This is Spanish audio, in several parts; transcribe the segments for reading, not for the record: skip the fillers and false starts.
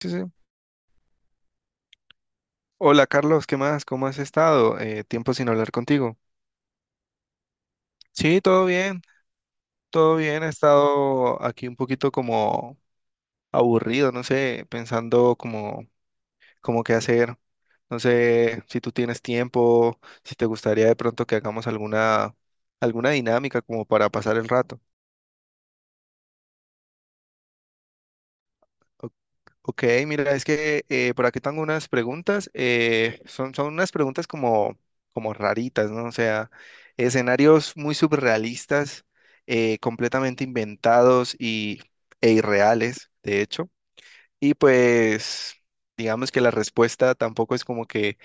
Sí, sí. Hola Carlos, ¿qué más? ¿Cómo has estado? Tiempo sin hablar contigo. Sí, todo bien, todo bien. He estado aquí un poquito como aburrido, no sé, pensando como, como qué hacer. No sé si tú tienes tiempo, si te gustaría de pronto que hagamos alguna dinámica como para pasar el rato. Ok, mira, es que por aquí tengo unas preguntas. Son unas preguntas como raritas, ¿no? O sea, escenarios muy surrealistas, completamente e irreales, de hecho. Y pues, digamos que la respuesta tampoco es como que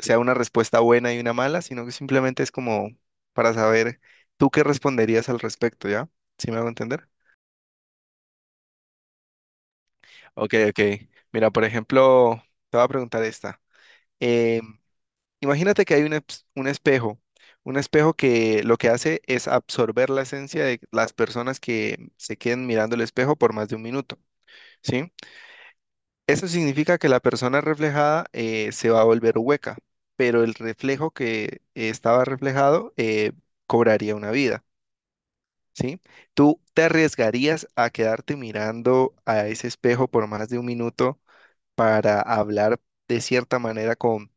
sea una respuesta buena y una mala, sino que simplemente es como para saber tú qué responderías al respecto, ¿ya? ¿Sí me hago entender? Ok, ok. Mira, por ejemplo, te voy a preguntar esta. Eh, imagínate que hay un espejo que lo que hace es absorber la esencia de las personas que se queden mirando el espejo por más de un minuto, ¿sí? Eso significa que la persona reflejada se va a volver hueca, pero el reflejo que estaba reflejado cobraría una vida, ¿sí? ¿Tú te arriesgarías a quedarte mirando a ese espejo por más de un minuto para hablar de cierta manera con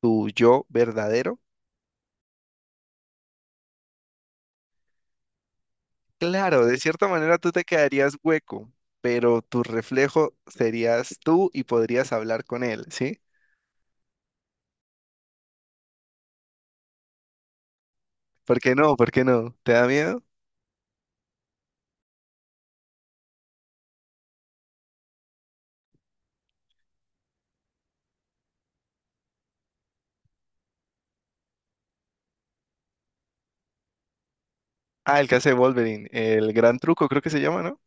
tu yo verdadero? Claro, de cierta manera tú te quedarías hueco, pero tu reflejo serías tú y podrías hablar con él, ¿sí? ¿Por qué no? ¿Por qué no? ¿Te da miedo? Ah, el que hace Wolverine, el gran truco creo que se llama, ¿no?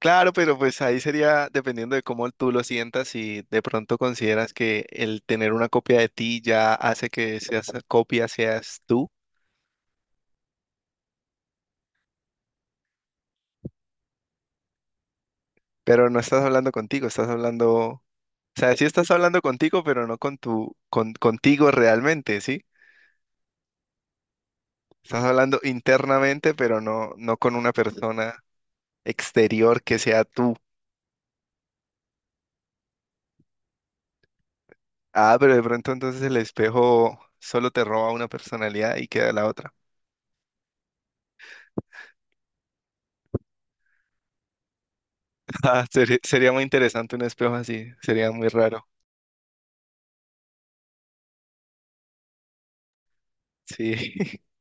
Claro, pero pues ahí sería dependiendo de cómo tú lo sientas y de pronto consideras que el tener una copia de ti ya hace que seas copia, seas tú, pero no estás hablando contigo, estás hablando. O sea, sí estás hablando contigo, pero no con contigo realmente, ¿sí? Estás hablando internamente, pero no con una persona exterior que sea tú. Ah, pero de pronto entonces el espejo solo te roba una personalidad y queda la otra. Ah, sería muy interesante un espejo así, sería muy raro. Sí,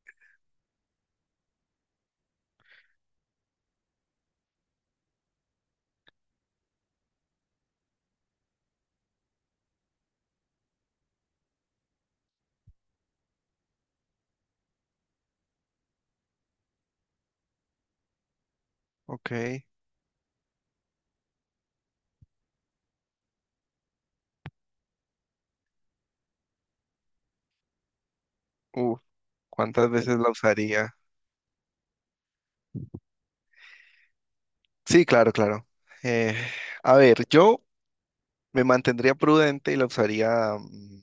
ok. Uf, ¿cuántas veces la usaría? Sí, claro, claro. Eh, a ver, yo me mantendría prudente y la usaría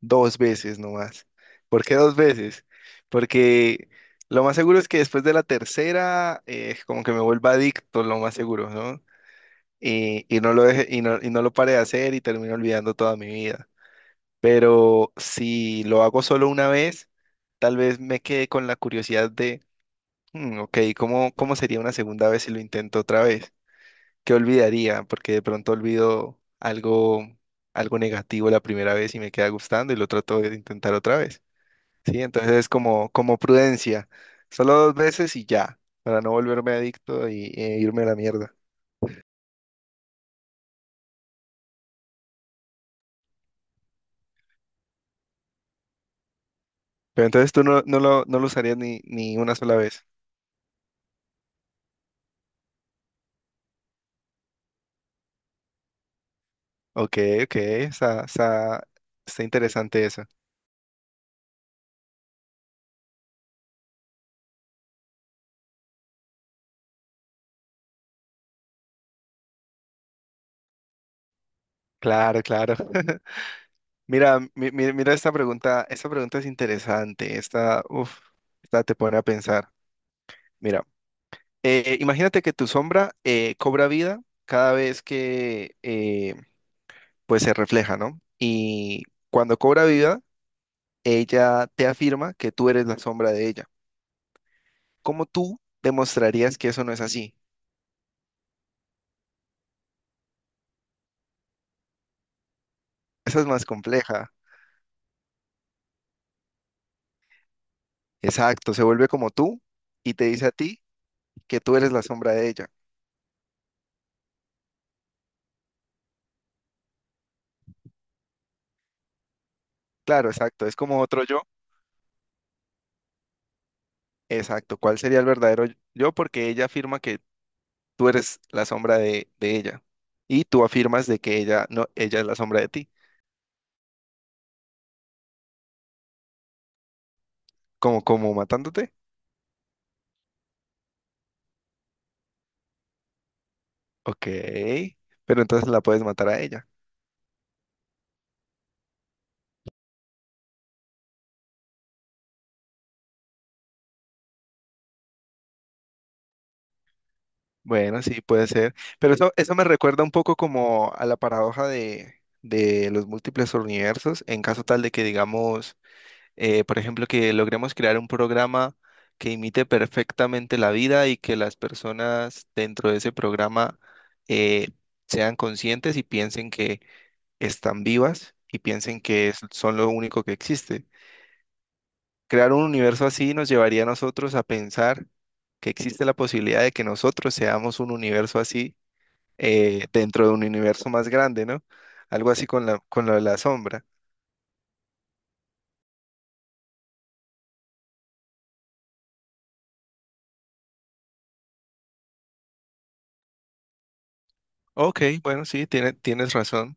dos veces nomás. ¿Por qué dos veces? Porque lo más seguro es que después de la tercera, como que me vuelva adicto, lo más seguro, ¿no? Y no lo deje, y no lo pare de hacer y termino olvidando toda mi vida. Pero si lo hago solo una vez, tal vez me quede con la curiosidad de, "Hmm, ok, ¿cómo sería una segunda vez si lo intento otra vez? ¿Qué olvidaría? Porque de pronto olvido algo negativo la primera vez y me queda gustando y lo trato de intentar otra vez. Sí, entonces es como prudencia. Solo dos veces y ya, para no volverme adicto e irme a la mierda. Pero entonces tú no lo no lo usarías ni una sola vez. Ok, ok, está interesante eso. Claro, claro. Mira, mira esta pregunta es interesante. Esta, uf, esta te pone a pensar. Mira, imagínate que tu sombra cobra vida cada vez que pues se refleja, ¿no? Y cuando cobra vida ella te afirma que tú eres la sombra de ella. ¿Cómo tú demostrarías que eso no es así? Esa es más compleja. Exacto, se vuelve como tú y te dice a ti que tú eres la sombra de ella. Claro, exacto, es como otro yo. Exacto, ¿cuál sería el verdadero yo? Porque ella afirma que tú eres la sombra de ella y tú afirmas de que ella no, ella es la sombra de ti, como matándote. Ok, pero entonces la puedes matar a ella. Bueno, sí, puede ser. Pero eso me recuerda un poco como a la paradoja de los múltiples universos, en caso tal de que digamos, por ejemplo, que logremos crear un programa que imite perfectamente la vida y que las personas dentro de ese programa eh, sean conscientes y piensen que están vivas y piensen que son lo único que existe. Crear un universo así nos llevaría a nosotros a pensar que existe la posibilidad de que nosotros seamos un universo así dentro de un universo más grande, ¿no? Algo así con con lo de la sombra. Ok, bueno, sí, tienes razón.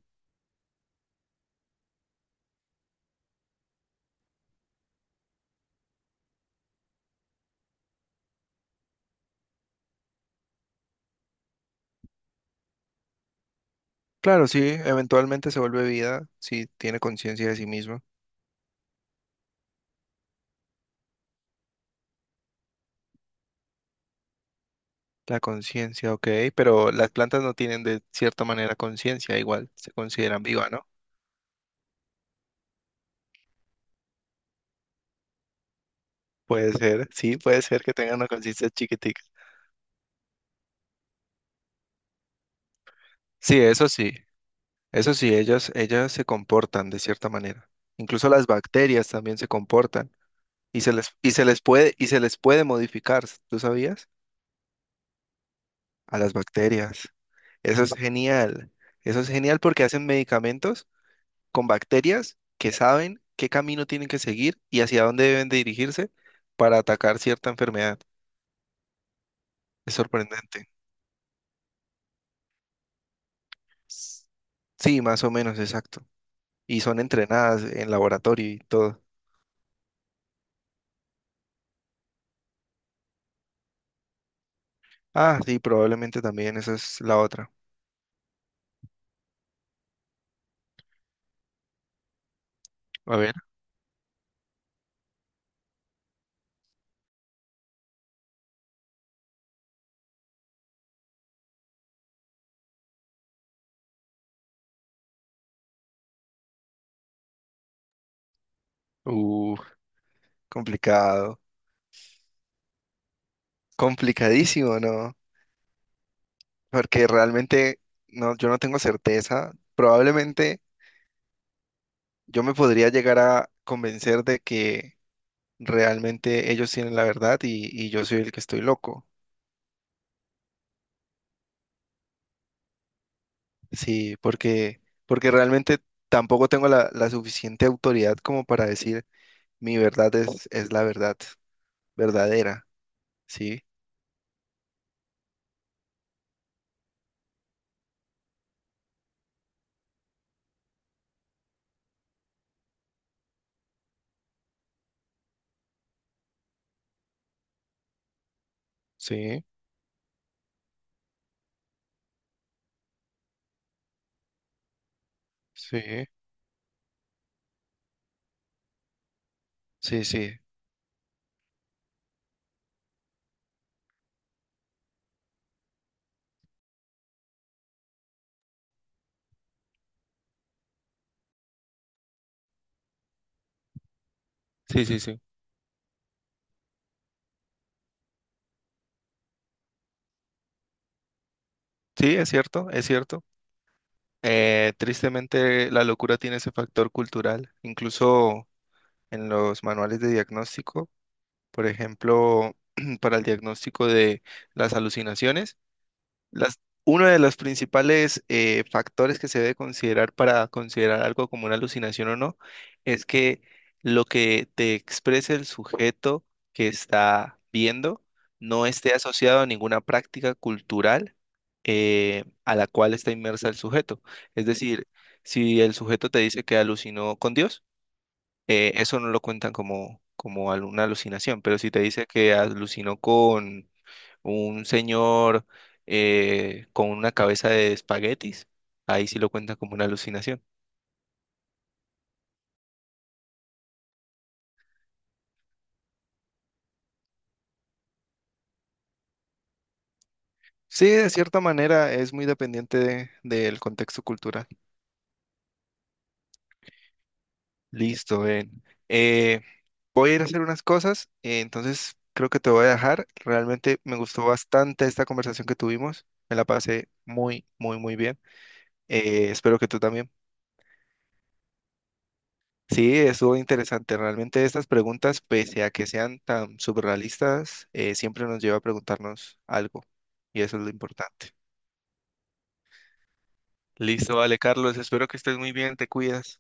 Claro, sí, eventualmente se vuelve vida, sí, tiene conciencia de sí misma. La conciencia, ok, pero las plantas no tienen de cierta manera conciencia, igual se consideran viva, ¿no? Puede ser, sí, puede ser que tengan una conciencia chiquitica. Sí, eso sí, eso sí, ellas se comportan de cierta manera. Incluso las bacterias también se comportan y se les puede, y se les puede modificar, ¿tú sabías? A las bacterias. Eso es genial. Eso es genial porque hacen medicamentos con bacterias que saben qué camino tienen que seguir y hacia dónde deben de dirigirse para atacar cierta enfermedad. Es sorprendente. S- Sí, más o menos, exacto. Y son entrenadas en laboratorio y todo. Ah, sí, probablemente también esa es la otra. A ver. Uh, complicado. Complicadísimo, ¿no? Porque realmente no, yo no tengo certeza. Probablemente yo me podría llegar a convencer de que realmente ellos tienen la verdad y yo soy el que estoy loco. Sí, porque realmente tampoco tengo la suficiente autoridad como para decir mi verdad es la verdad verdadera. Sí, sí, sí, sí, sí, sí, sí, sí. Sí, es cierto, es cierto. Tristemente la locura tiene ese factor cultural. Incluso en los manuales de diagnóstico. Por ejemplo, para el diagnóstico de las alucinaciones, uno de los principales factores que se debe considerar para considerar algo como una alucinación o no es que lo que te exprese el sujeto que está viendo no esté asociado a ninguna práctica cultural a la cual está inmersa el sujeto. Es decir, si el sujeto te dice que alucinó con Dios, eso no lo cuentan como, como una alucinación, pero si te dice que alucinó con un señor con una cabeza de espaguetis, ahí sí lo cuentan como una alucinación. Sí, de cierta manera es muy dependiente del contexto cultural. Listo, ven. Voy a ir a hacer unas cosas, entonces creo que te voy a dejar. Realmente me gustó bastante esta conversación que tuvimos, me la pasé muy, muy, muy bien. Espero que tú también. Sí, estuvo interesante. Realmente estas preguntas, pese a que sean tan surrealistas, siempre nos lleva a preguntarnos algo. Y eso es lo importante. Listo, vale, Carlos. Espero que estés muy bien. Te cuidas.